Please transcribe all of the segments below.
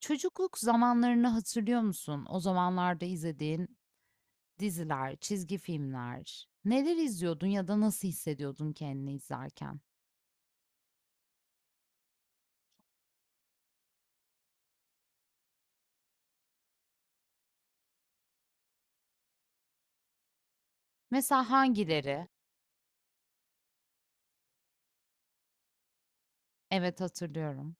Çocukluk zamanlarını hatırlıyor musun? O zamanlarda izlediğin diziler, çizgi filmler. Neler izliyordun ya da nasıl hissediyordun kendini izlerken? Mesela hangileri? Evet hatırlıyorum.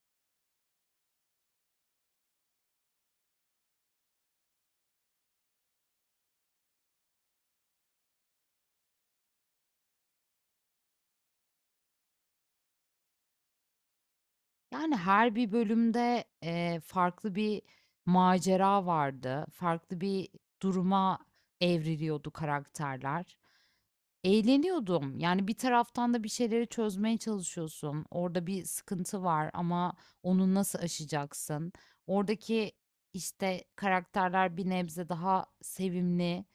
Yani her bir bölümde farklı bir macera vardı. Farklı bir duruma evriliyordu karakterler. Eğleniyordum. Yani bir taraftan da bir şeyleri çözmeye çalışıyorsun. Orada bir sıkıntı var ama onu nasıl aşacaksın? Oradaki işte karakterler bir nebze daha sevimli.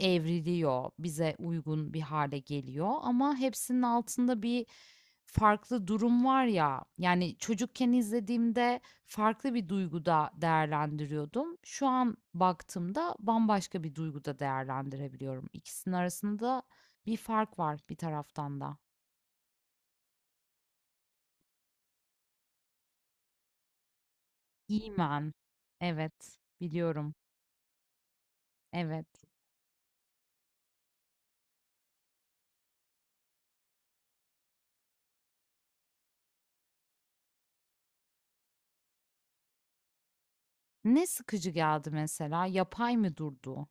Evriliyor, bize uygun bir hale geliyor ama hepsinin altında bir farklı durum var ya. Yani çocukken izlediğimde farklı bir duyguda değerlendiriyordum. Şu an baktığımda bambaşka bir duyguda değerlendirebiliyorum. İkisinin arasında bir fark var bir taraftan da. İmen. Evet, biliyorum. Evet. Ne sıkıcı geldi mesela? Yapay mı durdu?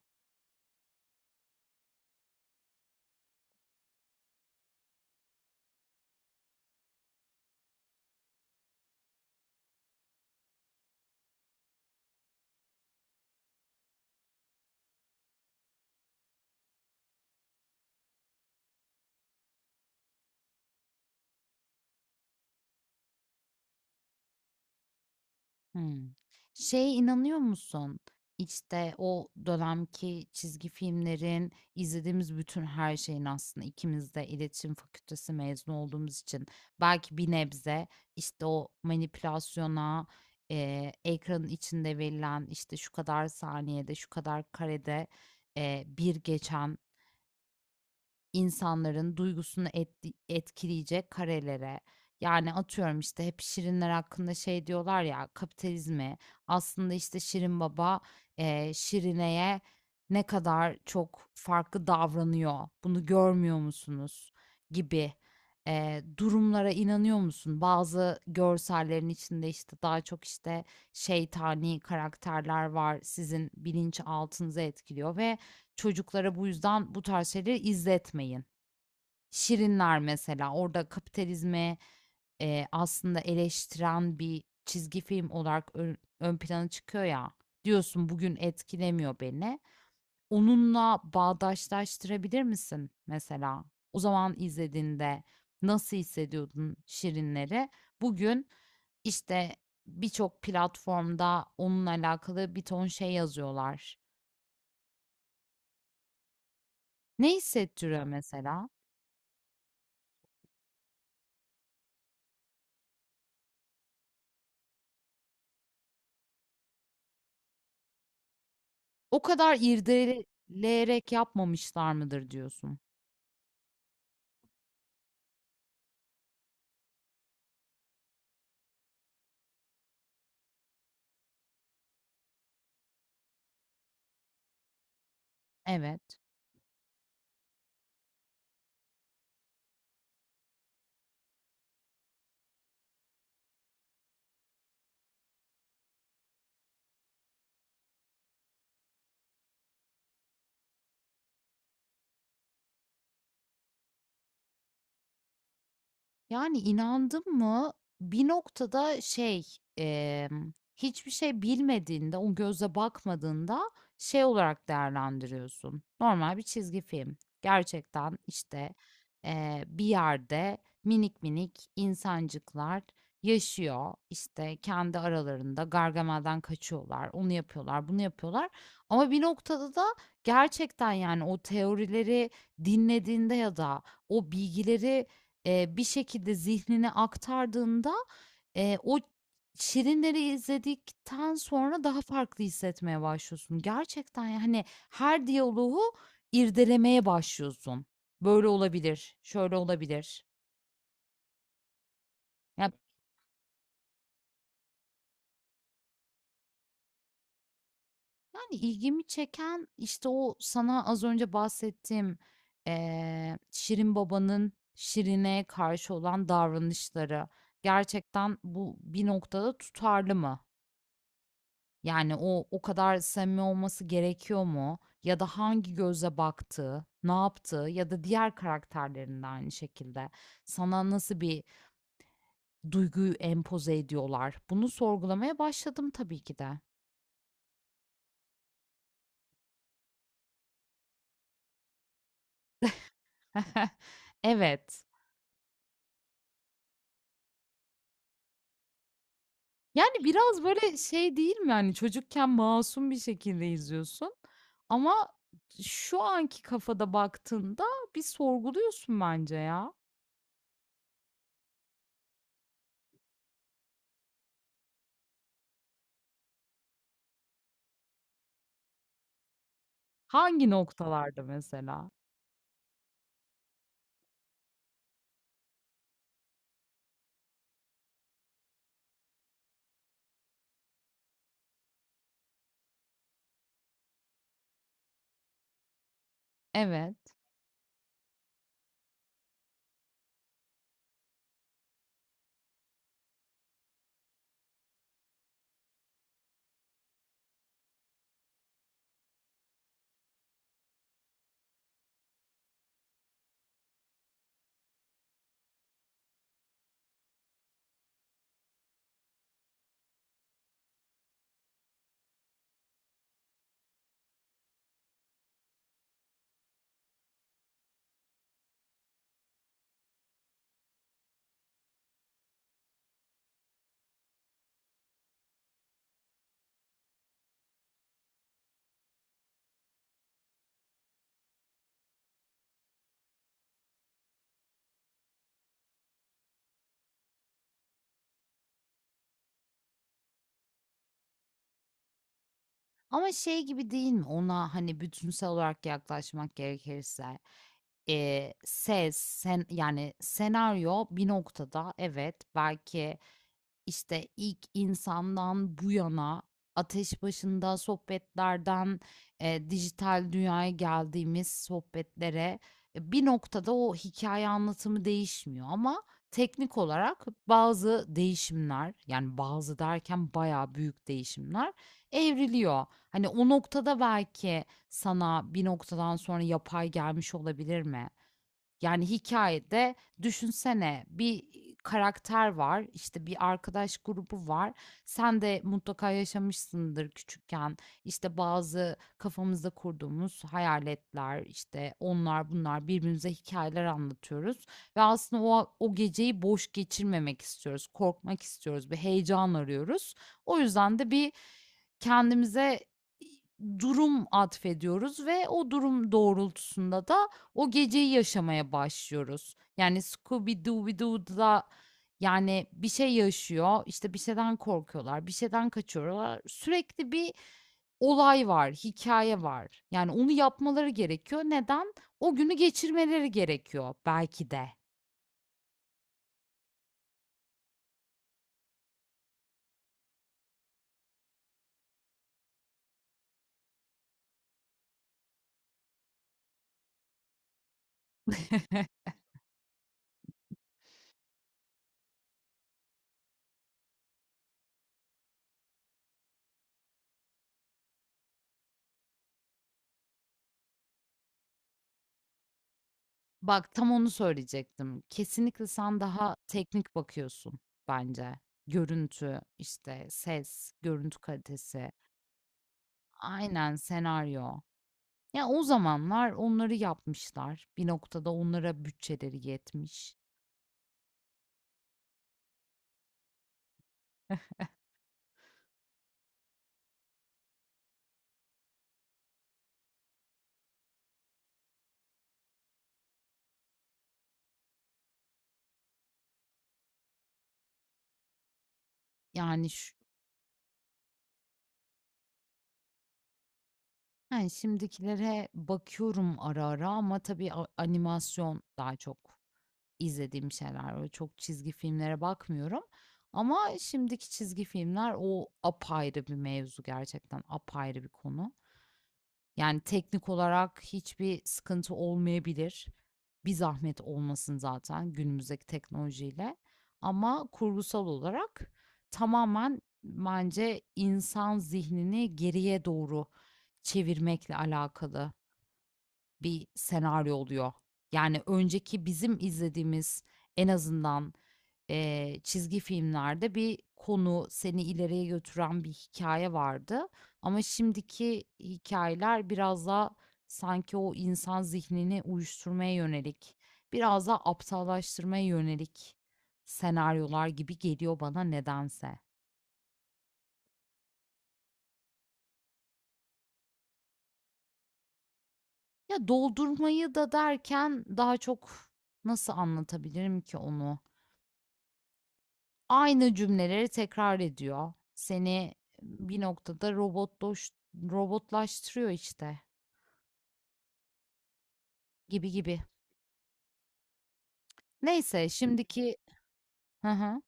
Hımm. Şeye inanıyor musun? İşte, o dönemki çizgi filmlerin, izlediğimiz bütün her şeyin aslında ikimiz de iletişim fakültesi mezunu olduğumuz için belki bir nebze, işte, o manipülasyona, ekranın içinde verilen, işte, şu kadar saniyede, şu kadar karede, bir geçen insanların duygusunu etkileyecek karelere, yani atıyorum işte hep şirinler hakkında şey diyorlar ya kapitalizmi aslında işte Şirin Baba Şirine'ye ne kadar çok farklı davranıyor bunu görmüyor musunuz gibi durumlara inanıyor musun? Bazı görsellerin içinde işte daha çok işte şeytani karakterler var sizin bilinç altınızı etkiliyor ve Çocuklara bu yüzden bu tarz şeyleri izletmeyin. Şirinler mesela orada kapitalizmi, aslında eleştiren bir çizgi film olarak ön plana çıkıyor ya. Diyorsun bugün etkilemiyor beni. Onunla bağdaşlaştırabilir misin mesela? O zaman izlediğinde nasıl hissediyordun Şirinleri? Bugün, işte, birçok platformda onunla alakalı bir ton şey yazıyorlar. Ne hissettiriyor mesela? O kadar irdeleyerek yapmamışlar mıdır diyorsun? Evet. Yani, inandım mı, bir noktada şey, hiçbir şey bilmediğinde, o göze bakmadığında şey olarak değerlendiriyorsun, normal bir çizgi film. Gerçekten, işte, bir yerde minik minik insancıklar yaşıyor, işte, kendi aralarında Gargamel'den kaçıyorlar, onu yapıyorlar, bunu yapıyorlar ama bir noktada da gerçekten, yani, o teorileri dinlediğinde ya da o bilgileri bir şekilde zihnine aktardığında, o Şirinleri izledikten sonra daha farklı hissetmeye başlıyorsun. Gerçekten, yani her diyaloğu irdelemeye başlıyorsun. Böyle olabilir, şöyle olabilir. Ya, yani, ilgimi çeken, işte, o sana az önce bahsettiğim, Şirin Baba'nın Şirin'e karşı olan davranışları. Gerçekten bu bir noktada tutarlı mı? Yani o kadar samimi olması gerekiyor mu? Ya da hangi gözle baktığı, ne yaptı ya da diğer karakterlerinde aynı şekilde sana nasıl bir duyguyu empoze ediyorlar? Bunu sorgulamaya başladım tabii ki de. Evet. Yani biraz böyle şey değil mi? Yani çocukken masum bir şekilde izliyorsun ama şu anki kafada baktığında bir sorguluyorsun bence ya. Hangi noktalarda mesela? Evet. Ama şey gibi değil mi? Ona, hani, bütünsel olarak yaklaşmak gerekirse, ses, sen yani senaryo bir noktada evet belki işte ilk insandan bu yana ateş başında sohbetlerden, dijital dünyaya geldiğimiz sohbetlere, bir noktada o hikaye anlatımı değişmiyor ama teknik olarak bazı değişimler, yani bazı derken bayağı büyük değişimler evriliyor. Hani o noktada belki sana bir noktadan sonra yapay gelmiş olabilir mi? Yani hikayede düşünsene bir karakter var, işte, bir arkadaş grubu var. Sen de mutlaka yaşamışsındır küçükken. İşte, bazı kafamızda kurduğumuz hayaletler, işte, onlar bunlar birbirimize hikayeler anlatıyoruz ve aslında o geceyi boş geçirmemek istiyoruz, korkmak istiyoruz, bir heyecan arıyoruz. O yüzden de bir Kendimize durum atfediyoruz ve o durum doğrultusunda da o geceyi yaşamaya başlıyoruz. Yani Scooby-Dooby-Doo'da, yani bir şey yaşıyor, işte, bir şeyden korkuyorlar, bir şeyden kaçıyorlar. Sürekli bir olay var, hikaye var. Yani onu yapmaları gerekiyor. Neden? O günü geçirmeleri gerekiyor belki de. Bak, tam onu söyleyecektim. Kesinlikle sen daha teknik bakıyorsun bence. Görüntü, işte ses, görüntü kalitesi. Aynen, senaryo. Ya, o zamanlar onları yapmışlar. Bir noktada onlara bütçeleri yetmiş. Yani, şu yani, şimdikilere bakıyorum ara ara ama tabii animasyon daha çok izlediğim şeyler var. Çok çizgi filmlere bakmıyorum ama şimdiki çizgi filmler o apayrı bir mevzu gerçekten, apayrı bir konu. Yani teknik olarak hiçbir sıkıntı olmayabilir. Bir zahmet olmasın zaten günümüzdeki teknolojiyle. Ama kurgusal olarak tamamen bence insan zihnini geriye doğru çevirmekle alakalı bir senaryo oluyor. Yani önceki bizim izlediğimiz en azından çizgi filmlerde bir konu seni ileriye götüren bir hikaye vardı. Ama şimdiki hikayeler biraz daha sanki o insan zihnini uyuşturmaya yönelik, biraz daha aptallaştırmaya yönelik senaryolar gibi geliyor bana nedense. Ya doldurmayı da derken daha çok nasıl anlatabilirim ki onu? Aynı cümleleri tekrar ediyor. Seni bir noktada robotlaştırıyor işte gibi gibi. Neyse şimdiki hı hı,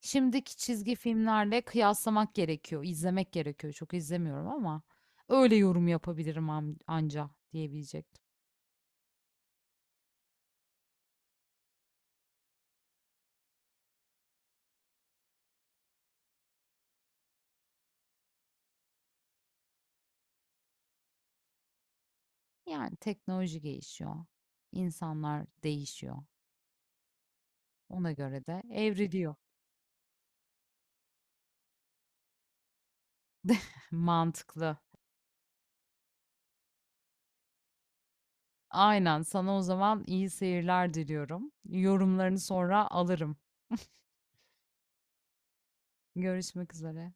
şimdiki çizgi filmlerle kıyaslamak gerekiyor, izlemek gerekiyor. Çok izlemiyorum ama öyle yorum yapabilirim anca diyebilecektim. Yani teknoloji gelişiyor, insanlar değişiyor. Ona göre de evriliyor. Mantıklı. Aynen. Sana o zaman iyi seyirler diliyorum. Yorumlarını sonra alırım. Görüşmek üzere.